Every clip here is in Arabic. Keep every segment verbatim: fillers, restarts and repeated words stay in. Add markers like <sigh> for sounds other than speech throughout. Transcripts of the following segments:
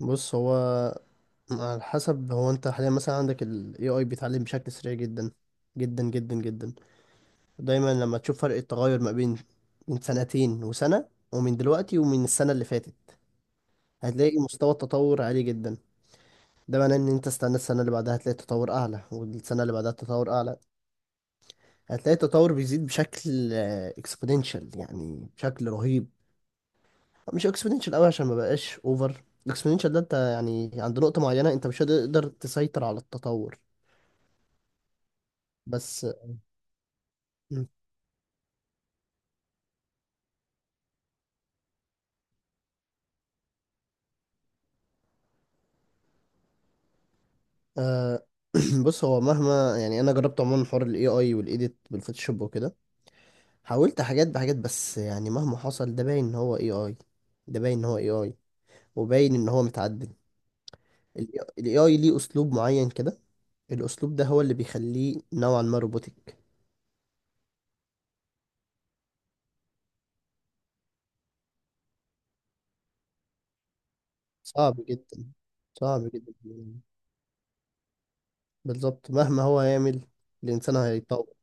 بص، هو على حسب. هو انت حاليا مثلا عندك ال إيه آي بيتعلم بشكل سريع جدا جدا جدا جدا. دايما لما تشوف فرق التغير ما بين من سنتين وسنة، ومن دلوقتي، ومن السنة اللي فاتت، هتلاقي مستوى التطور عالي جدا. ده معناه ان انت استنى السنة اللي بعدها هتلاقي التطور اعلى، والسنة اللي بعدها التطور اعلى. هتلاقي التطور بيزيد بشكل اكسبوننشال، يعني بشكل رهيب. مش اكسبوننشال قوي عشان ما بقاش اوفر. الاكسبوننشال ده انت يعني عند نقطة معينة انت مش هتقدر تسيطر على التطور. بس آه <clears throat> بص، هو مهما يعني انا جربت عموما حوار الاي اي والايديت بالفوتوشوب وكده. حاولت حاجات بحاجات، بس يعني مهما حصل ده باين ان هو اي اي ده باين ان هو اي اي وباين ان هو متعدل. الاي اي ليه اسلوب معين كده. الاسلوب ده هو اللي بيخليه نوعا ما روبوتك. صعب جدا، صعب جدا. بالظبط مهما هو يعمل الانسان هيتطور.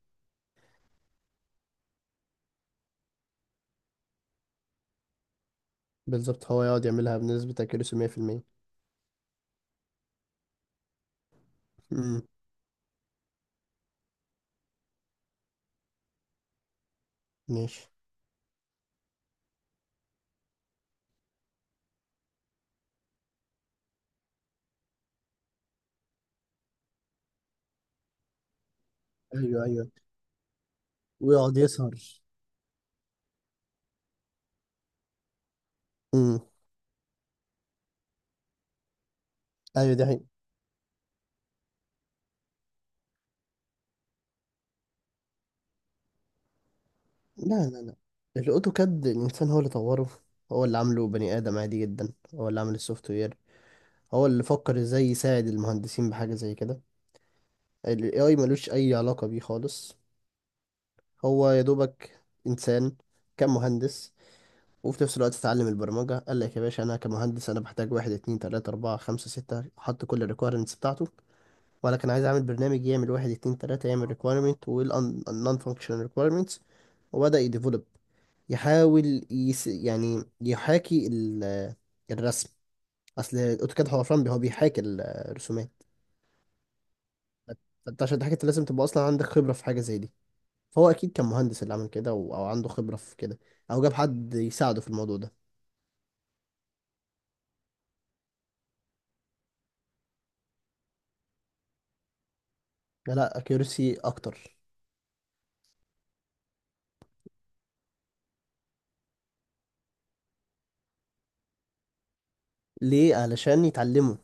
بالظبط هو يقعد يعملها بنسبة accuracy مية في المية. امم، ماشي. ايوه، ايوه. ويقعد يسهر. ايوه، دي حقيقة. لا، لا، لا، الاوتوكاد الانسان هو اللي طوره. هو اللي عامله، بني ادم عادي جدا هو اللي عامل السوفت وير. هو اللي فكر ازاي يساعد المهندسين بحاجه زي كده. الاي اي ملوش اي علاقه بيه خالص. هو يا دوبك انسان، كان مهندس وفي نفس الوقت اتعلم البرمجه، قال لك يا باشا انا كمهندس انا بحتاج واحد، اتنين، تلاته، اربعه، خمسه، سته، حط كل الريكويرمنتس بتاعته. ولا كان عايز اعمل برنامج يعمل واحد، اتنين، تلاته، يعمل ريكويرمنت والنون فانكشنال ريكويرمنتس. وبدا يديفلوب، يحاول يس يعني يحاكي ال- الرسم. اصل الاوتوكاد حوفران هو بيحاكي الرسومات. فانت عشان تحكي انت لازم تبقى اصلا عندك خبره في حاجه زي دي. فهو اكيد كان مهندس اللي عمل كده، و- او عنده خبره في كده، او جاب حد يساعده في الموضوع ده. لا، لا، اكيورسي اكتر. ليه؟ علشان يتعلموا.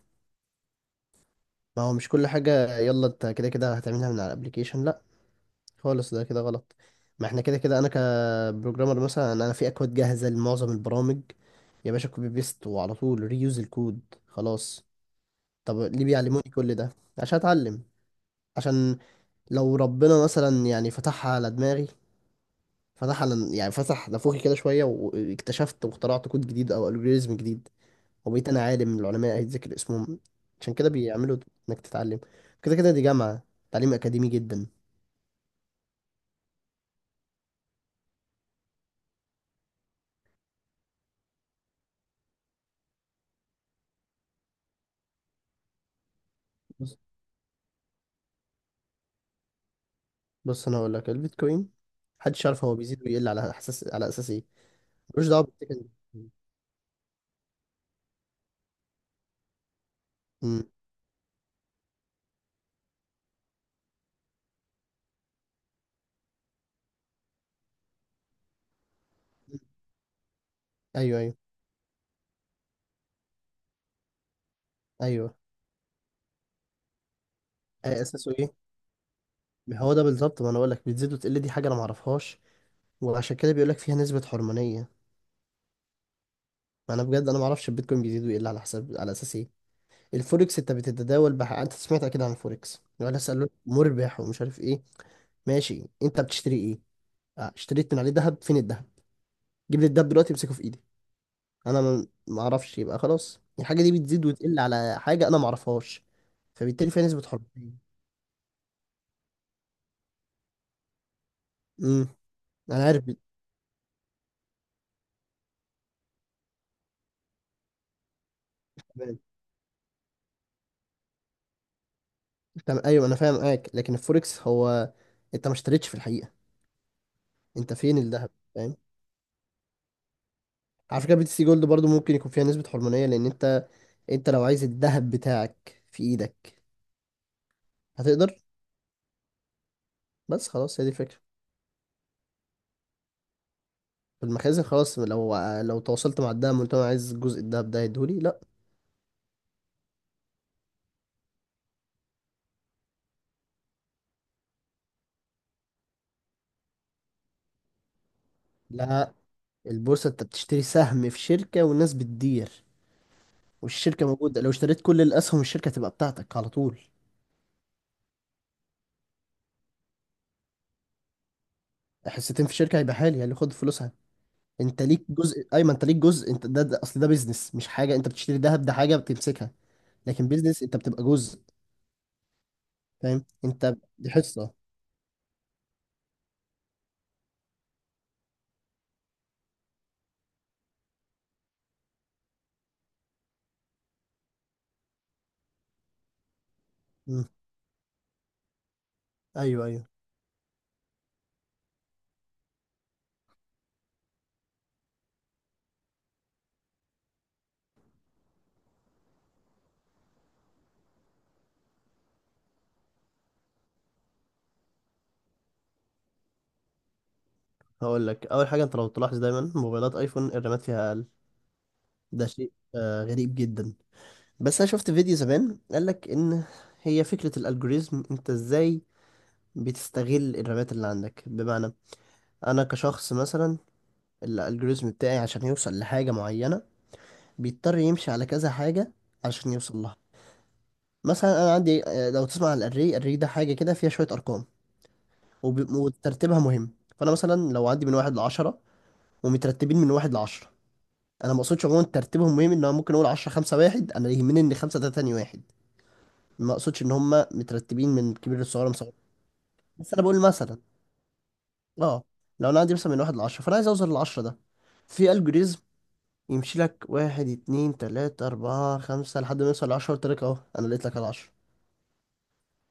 ما هو مش كل حاجه يلا انت كده كده هتعملها من على الابليكيشن، لا. خالص، ده كده غلط. ما احنا كده كده انا كبروجرامر مثلا انا في اكواد جاهزه لمعظم البرامج. يا باشا كوبي بيست وعلى طول ريوز الكود، خلاص. طب ليه بيعلموني كل ده؟ عشان اتعلم. عشان لو ربنا مثلا يعني فتحها على دماغي، فتح على يعني فتح نافوخي كده شويه، واكتشفت واخترعت كود جديد او الجوريزم جديد، وبقيت انا عالم من العلماء هيتذكر اسمهم. عشان كده بيعملوا انك تتعلم. كده كده دي جامعه، تعليم اكاديمي جدا. بص، انا هقول لك البيتكوين محدش يعرف هو بيزيد ويقل على اساس على اساس ايه. ملوش دعوه بالتكن. مم. ايوه، ايوه، ايوه. أي اساسه ايه. ما هو ده بالظبط، ما انا بقول لك بتزيد وتقل دي حاجه انا ما اعرفهاش. وعشان كده بيقول لك فيها نسبه حرمانيه. ما انا بجد انا ما اعرفش البيتكوين بيزيد ويقل على حساب، على اساس ايه. الفوركس انت بتتداول بح... انت سمعت اكيد عن الفوركس، ولا سالوك مربح ومش عارف ايه. ماشي، انت بتشتري ايه؟ آه، اشتريت من عليه ذهب، فين الذهب؟ جيب لي الذهب دلوقتي امسكه في ايدك. انا ما ما اعرفش، يبقى خلاص الحاجه دي بتزيد وتقل على حاجه انا ما اعرفهاش، فبالتالي فيها نسبه حريه. امم. انا عارف بت- تمام، تمام. ايوه انا فاهم معاك، لكن الفوركس هو انت ما اشتريتش في الحقيقه. انت فين الذهب؟ فاهم. على فكره بي تي سي جولد برضو ممكن يكون فيها نسبه حرمانيه، لان انت انت لو عايز الذهب بتاعك في ايدك هتقدر؟ بس خلاص، هي دي الفكره. في المخازن، خلاص. لو لو تواصلت مع الدهب قلت له انا عايز جزء الذهب ده هيديهولي، لا. لا، البورصه انت بتشتري سهم في شركه والناس بتدير. والشركة موجودة، لو اشتريت كل الأسهم الشركة تبقى بتاعتك على طول. حصتين في الشركة هيبقى حالي اللي خد فلوسها. أنت ليك جزء أيمن، أنت ليك جزء. أنت ده, ده أصل ده بيزنس، مش حاجة أنت بتشتري دهب ده حاجة بتمسكها. لكن بيزنس أنت بتبقى جزء. فاهم، أنت دي حصة. مم. أيوه، أيوه. هقول لك أول حاجة، أنت لو تلاحظ دايما موبايلات أيفون الرامات فيها أقل. ده شيء آه غريب جدا. بس أنا شفت فيديو زمان قال لك إن هي فكرة الألجوريزم، أنت إزاي بتستغل الرامات اللي عندك؟ بمعنى انا كشخص مثلا الالجوريزم بتاعي عشان يوصل لحاجة معينة بيضطر يمشي على كذا حاجة عشان يوصل لها. مثلا انا عندي، آه، لو تسمع عن الاري، الاري ده حاجة كده فيها شوية ارقام، وب- وترتيبها مهم. فانا مثلا لو عندي من واحد لعشرة ومترتبين من واحد لعشرة، انا ما اقصدش عموما ترتيبهم مهم، ان انا ممكن اقول عشرة خمسة واحد، انا يهمني ان خمسة ده تاني واحد، ما اقصدش ان هم مترتبين من كبير لصغير لصغير بس انا بقول مثلا اه لو انا عندي مثلا من واحد لعشرة، فانا عايز اوصل للعشرة ده، في algorithm يمشي لك واحد، اتنين، تلاتة، أربعة، خمسة، لحد ما يوصل لعشرة، قلت لك أهو أنا لقيت لك العشرة.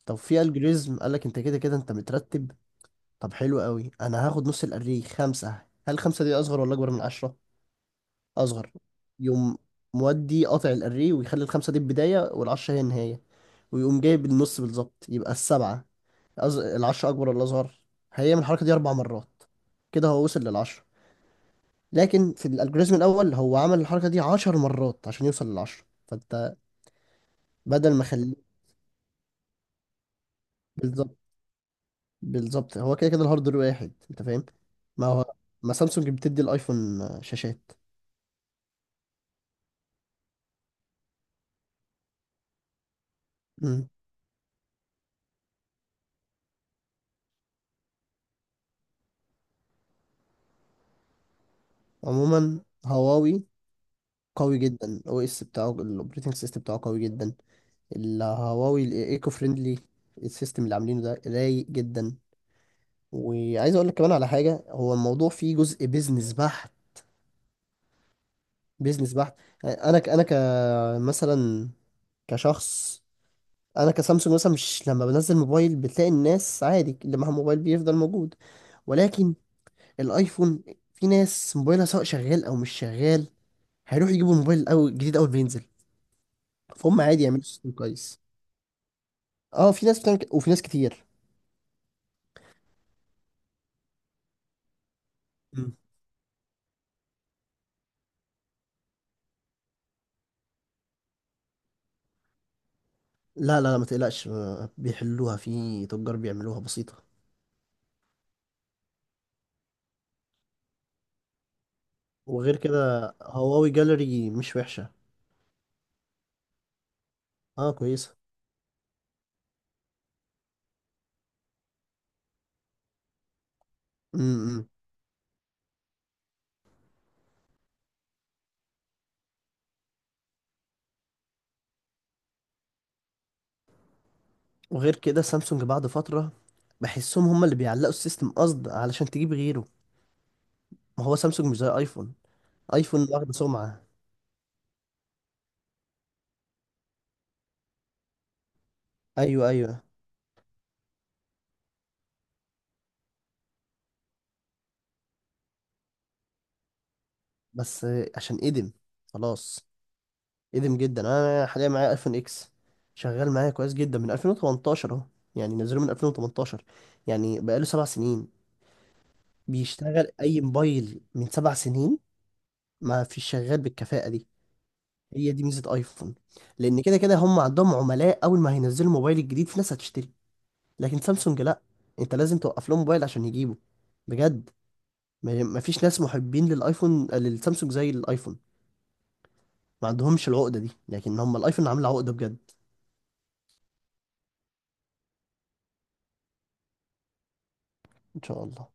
طب في الجوريزم قال لك أنت كده كده أنت مترتب، طب حلو قوي، أنا هاخد نص الأريه خمسة. هل خمسة دي أصغر ولا أكبر من عشرة؟ أصغر. يقوم مودي قاطع الأريه ويخلي الخمسة دي البداية والعشرة هي النهاية. ويقوم جايب النص بالظبط يبقى السبعة. أز... العشرة أكبر ولا أصغر؟ هيعمل الحركة دي أربع مرات، كده هو وصل للعشرة. لكن في الالجوريزم الأول هو عمل الحركة دي عشر مرات عشان يوصل للعشرة، فأنت بدل ما اخليه. بالظبط، بالظبط. هو كده كده الهاردوير واحد، انت فاهم؟ ما هو ما سامسونج بتدي الايفون آه، شاشات. مم. عموما هواوي قوي جدا، الاو اس بتاعه الاوبريتنج سيستم بتاعه قوي جدا. الهواوي الايكو فريندلي، السيستم اللي عاملينه ده رايق جدا. وعايز اقول لك كمان على حاجه، هو الموضوع فيه جزء بيزنس بحت، بيزنس بحت. انا ك- انا كمثلا كشخص. انا كسامسونج مثلا مش لما بنزل موبايل بتلاقي الناس عادي اللي معاها موبايل بيفضل موجود. ولكن الايفون في ناس موبايلها سواء شغال او مش شغال هيروح يجيبوا موبايل او جديد اول ما ينزل، فهم عادي يعملوا سيستم كويس. اه، في ناس بتعمل كده وفي ناس كتير. مم. لا، لا، لا، ما تقلقش، آه، بيحلوها في تجار بيعملوها بسيطة. وغير كده هواوي جاليري مش وحشة. اه، كويسة. امم. وغير كده سامسونج بعد فترة بحسهم هم اللي بيعلقوا السيستم قصد علشان تجيب غيره. ما هو سامسونج مش زي ايفون. ايفون واخد سمعة. ايوه، ايوه. بس عشان ادم، خلاص. ادم جدا. انا حاليا معايا ايفون اكس، شغال معايا كويس جدا من ألفين وتمنتاشر اهو، يعني نزله من ألفين وتمنتاشر، يعني بقاله سبع سنين. بيشتغل اي موبايل من سبع سنين ما فيش شغال بالكفاءة دي. هي دي ميزة ايفون، لان كده كده هم عندهم عملاء، اول ما هينزلوا الموبايل الجديد في ناس هتشتري. لكن سامسونج لا، انت لازم توقف لهم موبايل عشان يجيبه. بجد، ما ما فيش ناس محبين للايفون للسامسونج زي الايفون. ما عندهمش العقدة دي، لكن هم الايفون عامل عقدة بجد. ان شاء الله.